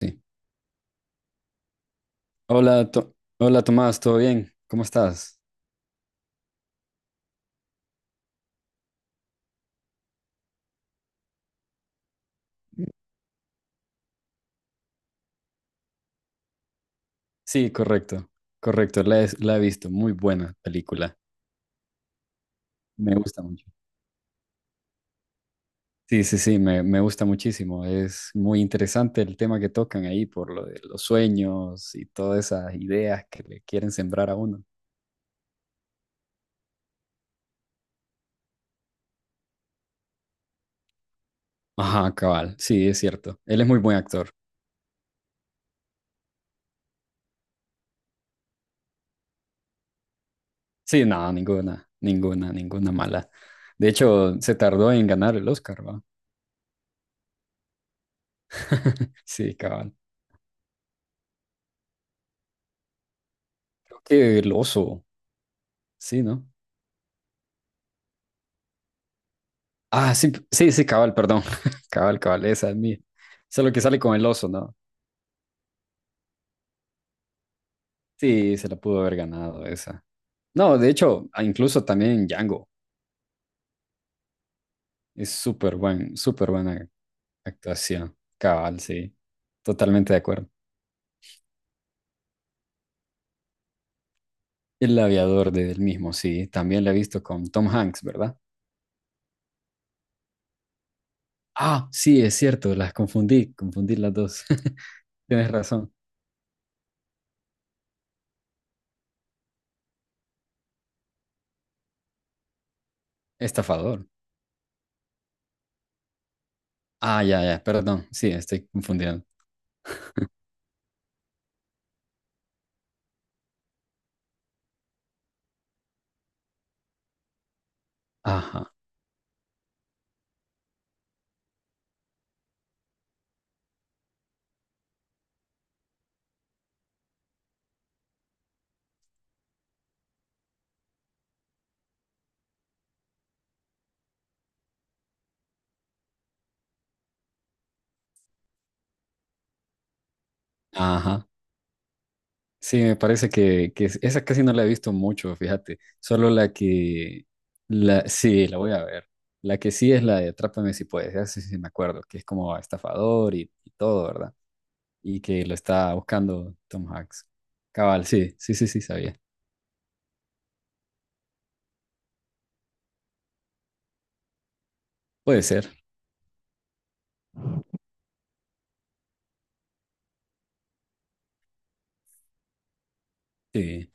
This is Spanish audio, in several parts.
Sí. Hola, Tomás, ¿todo bien? ¿Cómo estás? Sí, correcto, correcto, la he visto, muy buena película, me gusta mucho. Sí, sí, sí, me gusta muchísimo. Es muy interesante el tema que tocan ahí por lo de los sueños y todas esas ideas que le quieren sembrar a uno. Ajá, cabal, sí, es cierto, él es muy buen actor. Sí, no, ninguna, ninguna, ninguna mala. De hecho, se tardó en ganar el Oscar, ¿va? Sí, cabal. Creo que el oso, sí, ¿no? Ah, sí, sí, sí, cabal, perdón. Cabal, cabal, esa es mía. Esa es lo que sale con el oso, ¿no? Sí, se la pudo haber ganado esa. No, de hecho, incluso también Django. Es súper buena actuación. Cabal, sí. Totalmente de acuerdo. El aviador de él mismo, sí. También la he visto con Tom Hanks, ¿verdad? Ah, sí, es cierto, las confundí las dos. Tienes razón. Estafador. Ah, ya, ya, perdón. Sí, estoy confundiendo. Ajá, ajá. Sí, me parece que esa casi no la he visto mucho, fíjate. Solo sí, la voy a ver. La que sí es la de Atrápame si puedes, ya sí, sí me acuerdo, que es como estafador y todo, ¿verdad? Y que lo está buscando Tom Hanks. Cabal, sí, sí, sí, sí, sabía. Puede ser, sí,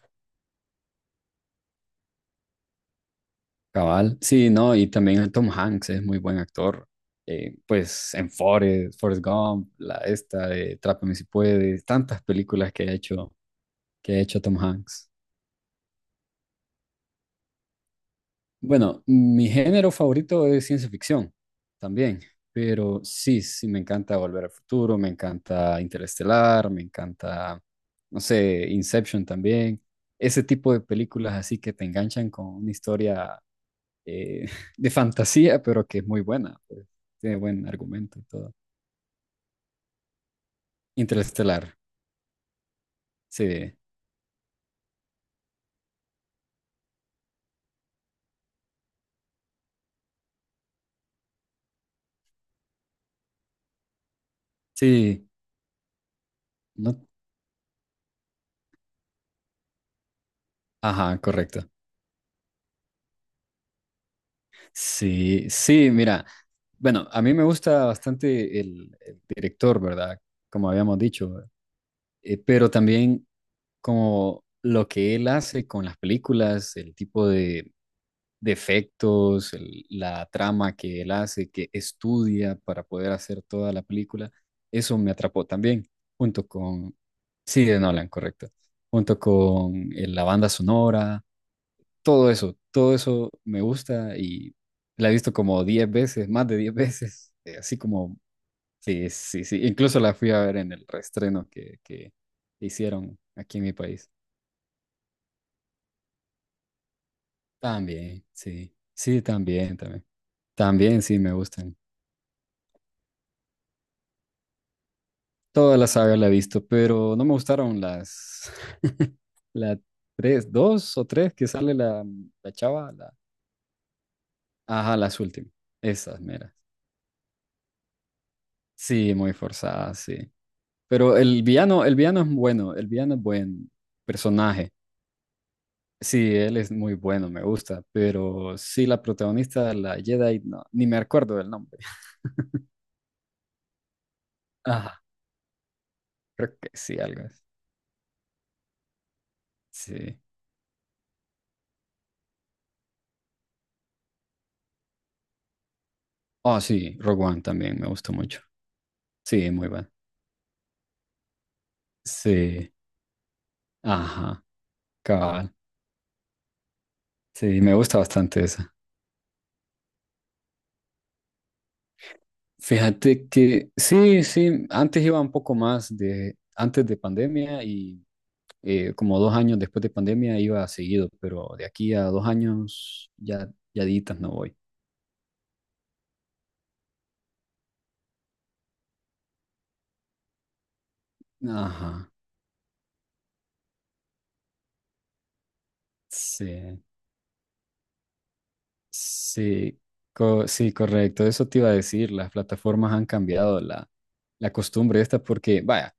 cabal. Sí, no, y también el Tom Hanks es muy buen actor. Pues en Forrest Gump, la esta de Atrápame si puedes, tantas películas que ha hecho Tom Hanks. Bueno, mi género favorito es ciencia ficción también, pero sí, sí, me encanta Volver al Futuro, me encanta Interestelar, me encanta, no sé, Inception también. Ese tipo de películas así que te enganchan con una historia eh, de fantasía, pero que es muy buena, pues, tiene buen argumento y todo. Interestelar, sí, sí, no, ajá, correcto. Sí, sí, mira, bueno, a mí me gusta bastante el director, ¿verdad? Como habíamos dicho, pero también como lo que él hace con las películas, el tipo de efectos, la trama que él hace, que estudia para poder hacer toda la película, eso me atrapó también, junto con, sí, de Nolan, correcto, junto con la banda sonora, todo eso me gusta y la he visto como 10 veces, más de 10 veces, así como, sí, sí, sí, incluso la fui a ver en el reestreno que hicieron aquí en mi país. También, sí, sí, también, también, también, sí, me gustan. Toda la saga la he visto, pero no me gustaron las, la tres, dos o tres que sale la, chava, la, ajá, las últimas, esas meras. Sí, muy forzadas, sí. Pero el villano es bueno, el villano es buen personaje. Sí, él es muy bueno, me gusta, pero sí, la protagonista, la Jedi, no, ni me acuerdo del nombre. Ajá, creo que sí, algo así. Sí. Oh, sí, Rogue One también me gustó mucho. Sí, muy bueno. Sí, ajá, cabal. Sí, me gusta bastante esa. Fíjate que sí, sí, antes iba un poco más antes de pandemia y como 2 años después de pandemia iba seguido, pero de aquí a 2 años ya ditas no voy. Ajá, sí, sí, sí, correcto, eso te iba a decir, las plataformas han cambiado la costumbre esta porque, vaya,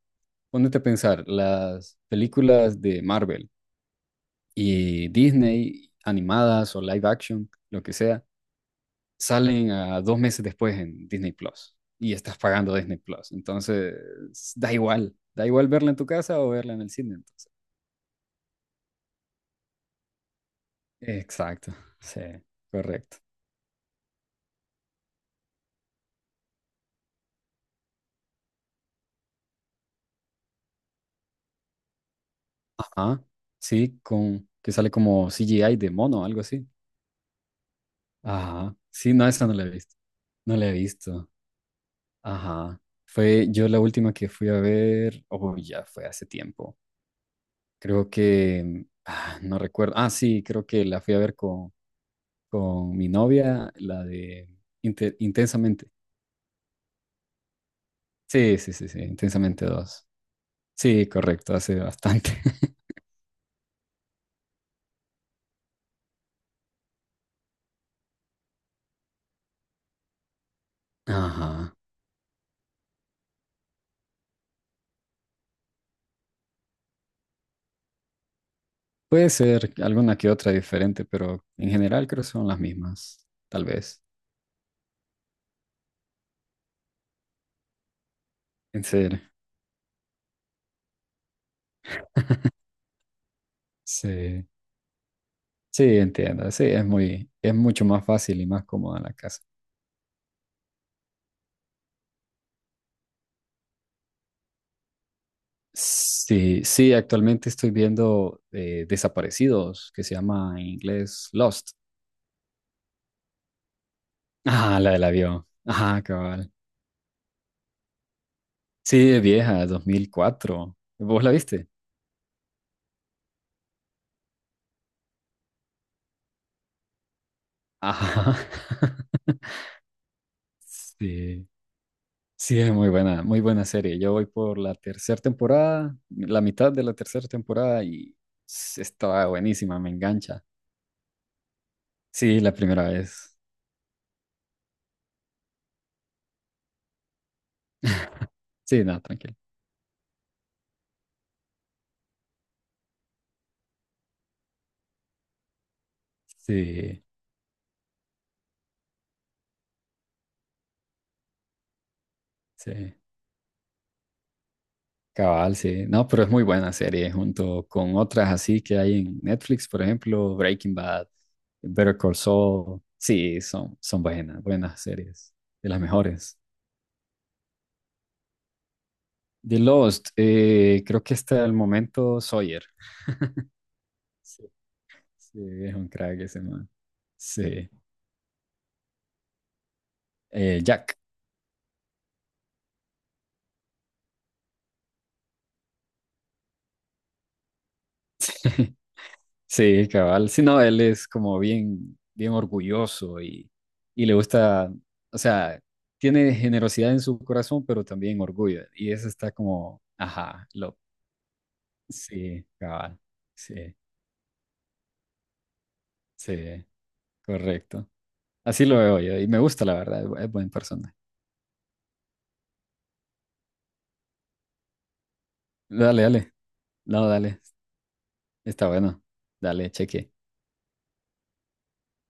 ponete a pensar, las películas de Marvel y Disney, animadas o live action, lo que sea, salen a 2 meses después en Disney Plus y estás pagando Disney Plus. Entonces, da igual verla en tu casa o verla en el cine. Entonces. Exacto, sí, correcto. Ajá, sí, con que sale como CGI de mono, algo así. Ajá, sí, no, esa no la he visto. No la he visto. Ajá. Fue yo la última que fui a ver, oh, ya fue hace tiempo. Creo que, no recuerdo. Ah, sí, creo que la fui a ver con mi novia, la de Intensamente. Sí, sí, sí, sí, Intensamente dos. Sí, correcto, hace bastante. Ajá. Puede ser alguna que otra diferente, pero en general creo que son las mismas, tal vez. En serio. Sí, sí, entiendo. Sí, es mucho más fácil y más cómoda la casa. Sí, sí, actualmente estoy viendo Desaparecidos, que se llama en inglés Lost. Ah, la del avión. Ajá, cabal. Sí, es vieja, 2004. ¿Vos la viste? Ajá. Sí, sí, es muy buena serie. Yo voy por la tercera temporada, la mitad de la tercera temporada y estaba buenísima, me engancha. Sí, la primera vez. Sí, no, tranquilo. Sí, sí. Cabal, sí. No, pero es muy buena serie junto con otras así que hay en Netflix, por ejemplo, Breaking Bad, Better Call Saul. Sí, son buenas, buenas series, de las mejores. The Lost, creo que hasta el momento Sawyer. Sí, sí, es un crack ese man. Sí, Jack. Sí, cabal. Sí, no, él es como bien, bien orgulloso y le gusta, o sea, tiene generosidad en su corazón, pero también orgullo. Y eso está como, ajá, lo, sí, cabal. Sí, sí, correcto. Así lo veo yo y me gusta, la verdad, es buena persona. Dale, dale. No, dale. Está bueno. Dale, cheque.